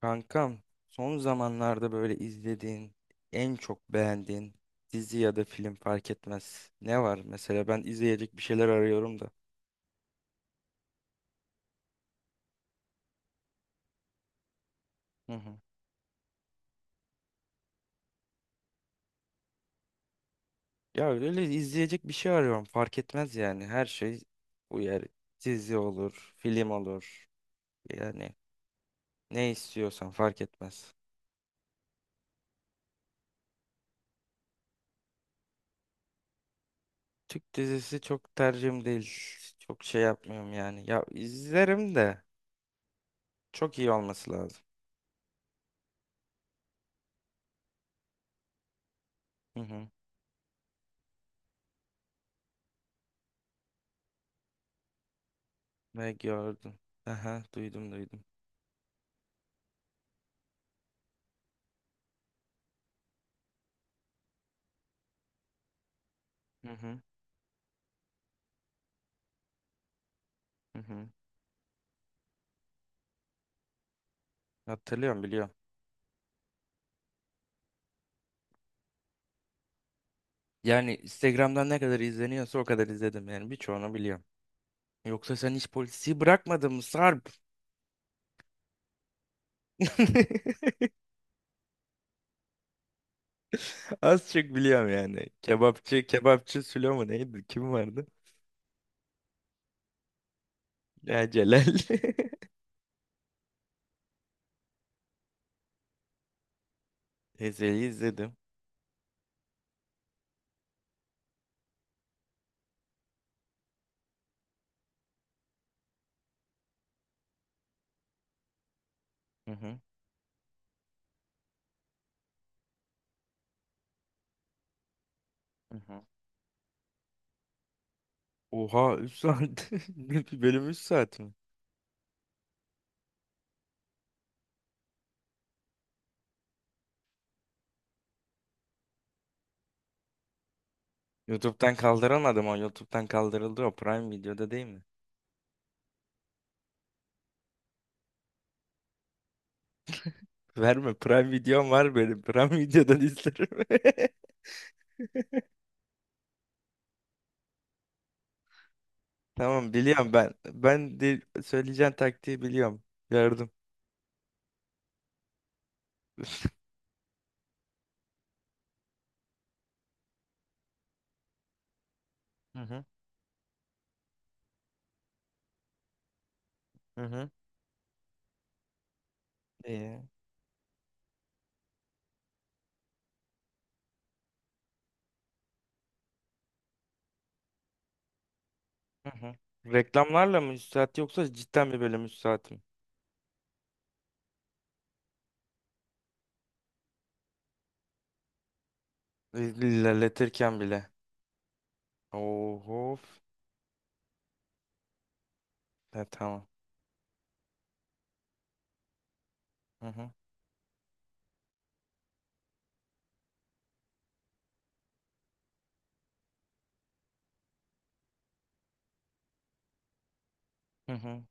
Kankam, son zamanlarda böyle izlediğin, en çok beğendiğin dizi ya da film fark etmez. Ne var mesela ben izleyecek bir şeyler arıyorum da. Hı hı. Ya öyle izleyecek bir şey arıyorum fark etmez yani her şey uyar. Dizi olur, film olur. Yani ne istiyorsan fark etmez. Türk dizisi çok tercihim değil. Çok şey yapmıyorum yani. Ya izlerim de çok iyi olması lazım. Hı hı. Ne gördüm. Aha duydum duydum. Hı hı. Hı hı. Hatırlıyorum biliyorum. Yani Instagram'dan ne kadar izleniyorsa o kadar izledim yani birçoğunu biliyorum. Yoksa sen hiç polisi bırakmadın mı Sarp? Az çok biliyorum yani. Kebapçı, kebapçı Sülo mu neydi? Kim vardı? Ya Celal. Ezel'i izledim. Hı hı. Hı hı. Oha 3 saat. Bir bölüm 3 saat mi? YouTube'dan kaldıramadım o. YouTube'dan kaldırıldı o. Prime Video'da değil mi? Verme, Prime Videom var benim. Prime Video'dan izlerim. Tamam biliyorum ben. Ben de söyleyeceğin taktiği biliyorum. Gördüm. Hı hı. Hı hı. İyi. Hı hı. Reklamlarla mı üstad yoksa cidden bir bölüm üstad mı? İlerletirken bile. Oho. Ya, tamam. Hı hı. Hı hı.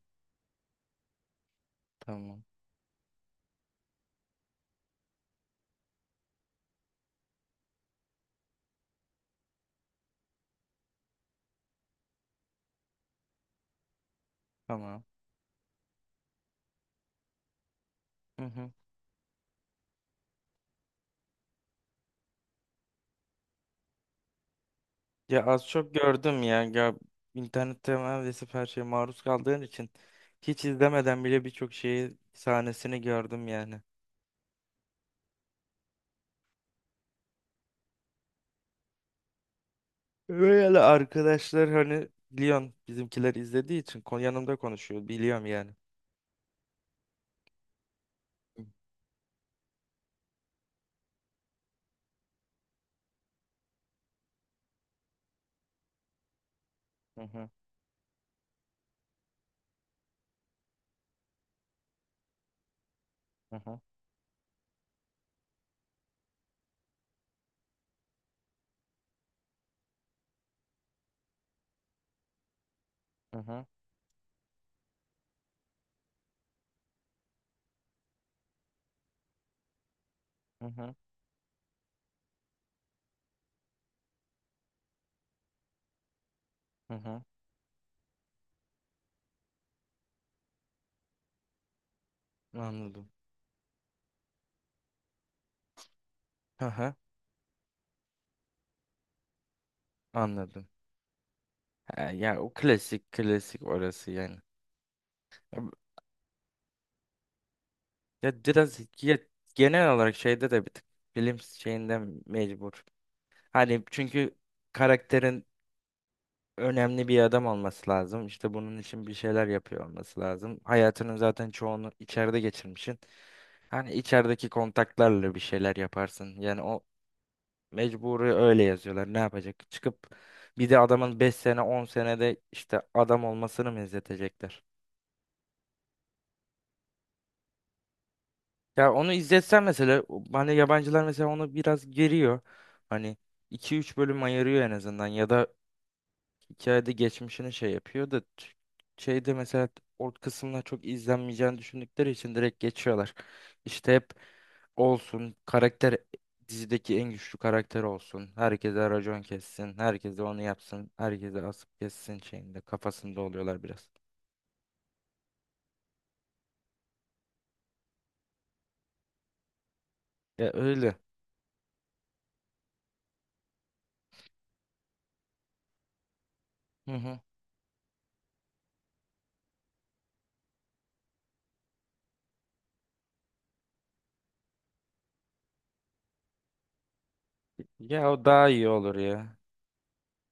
Tamam. Tamam. Hı hı. Ya az çok gördüm ya. Ya internette neredeyse her şeye maruz kaldığın için hiç izlemeden bile birçok şeyi sahnesini gördüm yani. Öyle arkadaşlar hani biliyorsun bizimkiler izlediği için yanımda konuşuyor biliyorum yani. Hı hı, hı hı, hı hı, hı hı, hı hı. Anladım. Hı hı, anladım. Ha, ya o klasik klasik orası yani. Ya, ya biraz ya, genel olarak şeyde de bir tık bilim şeyinden mecbur. Hani çünkü karakterin önemli bir adam olması lazım. İşte bunun için bir şeyler yapıyor olması lazım. Hayatının zaten çoğunu içeride geçirmişsin. Hani içerideki kontaklarla bir şeyler yaparsın. Yani o mecburi öyle yazıyorlar. Ne yapacak? Çıkıp bir de adamın 5 sene 10 senede işte adam olmasını mı izletecekler? Ya onu izletsen mesela hani yabancılar mesela onu biraz geriyor. Hani iki üç bölüm ayırıyor en azından ya da hikayede geçmişini şey yapıyor da şeyde mesela ort kısımlar çok izlenmeyeceğini düşündükleri için direkt geçiyorlar. İşte hep olsun karakter dizideki en güçlü karakter olsun. Herkese racon kessin. Herkese onu yapsın. Herkese asıp kessin şeyinde kafasında oluyorlar biraz. Ya öyle. Hı hı. Ya o daha iyi olur ya.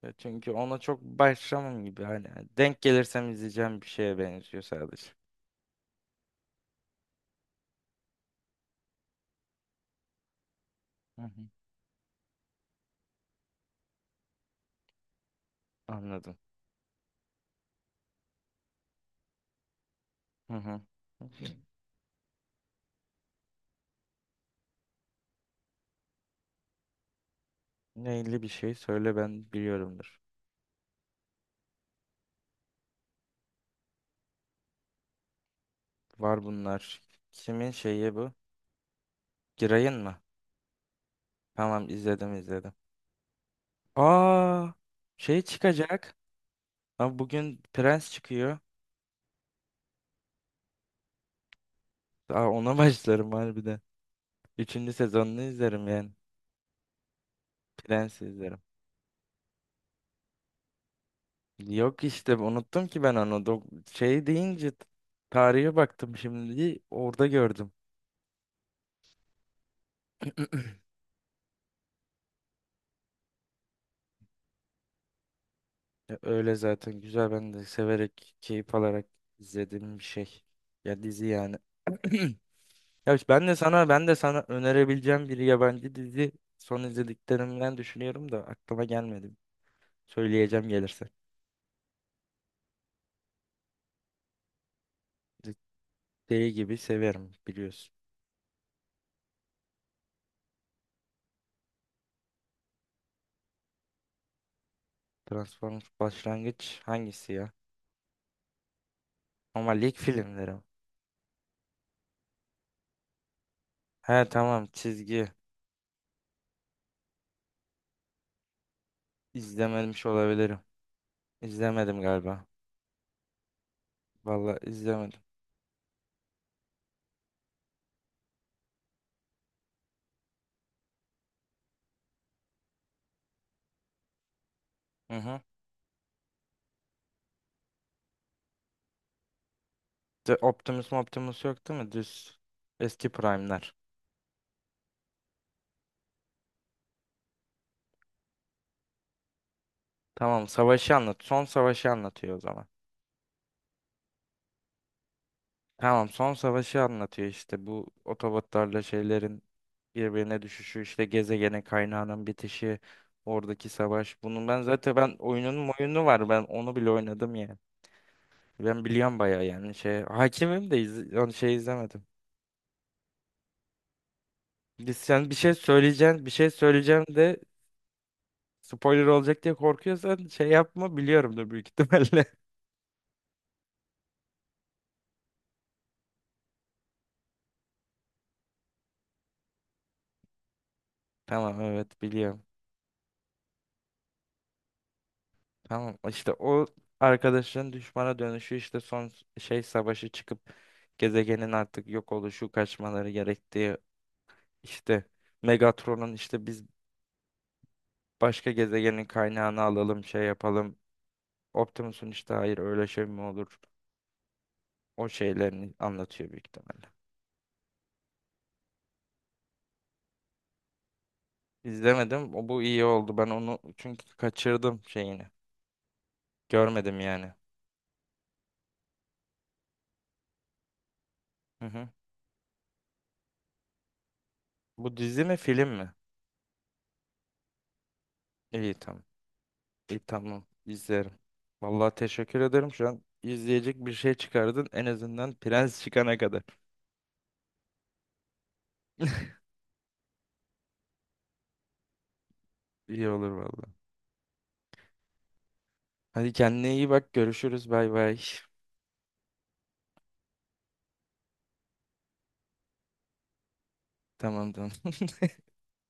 Ya çünkü ona çok başlamam gibi, hani denk gelirsem izleyeceğim bir şeye benziyor sadece. Hı hı. Anladım. Hı hı. Neyli bir şey söyle ben biliyorumdur. Var bunlar. Kimin şeyi bu? Giray'ın mı? Tamam, izledim izledim. Aa şey çıkacak. Ama bugün Prens çıkıyor. Aa ona başlarım harbiden. Üçüncü sezonunu izlerim yani. Prens izlerim. Yok işte unuttum ki ben onu. Şey deyince tarihe baktım şimdi orada gördüm. Ya öyle zaten, güzel ben de severek keyif alarak izlediğim bir şey. Ya dizi yani. Ya işte ben de sana önerebileceğim bir yabancı dizi son izlediklerimden düşünüyorum da aklıma gelmedi. Söyleyeceğim gelirse. Deli gibi severim biliyorsun. Transformers başlangıç hangisi ya? Ama lig filmleri mi? He tamam, çizgi. İzlememiş olabilirim. İzlemedim galiba. Vallahi izlemedim. Hı hı. The Optimus yok değil mi? Düz. Eski Prime'ler. Tamam, savaşı anlat. Son savaşı anlatıyor o zaman. Tamam, son savaşı anlatıyor işte, bu otobotlarla şeylerin birbirine düşüşü, işte gezegenin kaynağının bitişi, oradaki savaş. Bunun ben oyunun oyunu var, ben onu bile oynadım yani. Ben biliyorum bayağı yani, şey hakimim de yani şey izlemedim. Sen bir şey söyleyeceksin, bir şey söyleyeceğim de spoiler olacak diye korkuyorsan şey yapma, biliyorum da büyük ihtimalle. Tamam, evet biliyorum. Tamam işte o arkadaşın düşmana dönüşü, işte son şey savaşı çıkıp gezegenin artık yok oluşu, kaçmaları gerektiği, işte Megatron'un işte biz başka gezegenin kaynağını alalım şey yapalım. Optimus'un işte hayır, öyle şey mi olur? O şeylerini anlatıyor büyük ihtimalle. İzlemedim. O bu iyi oldu. Ben onu çünkü kaçırdım şeyini. Görmedim yani. Hı hı. Bu dizi mi film mi? İyi tamam. İyi tamam, izlerim. Vallahi teşekkür ederim. Şu an izleyecek bir şey çıkardın. En azından Prens çıkana kadar. İyi olur vallahi. Hadi kendine iyi bak. Görüşürüz. Bay bay. Tamam tamam.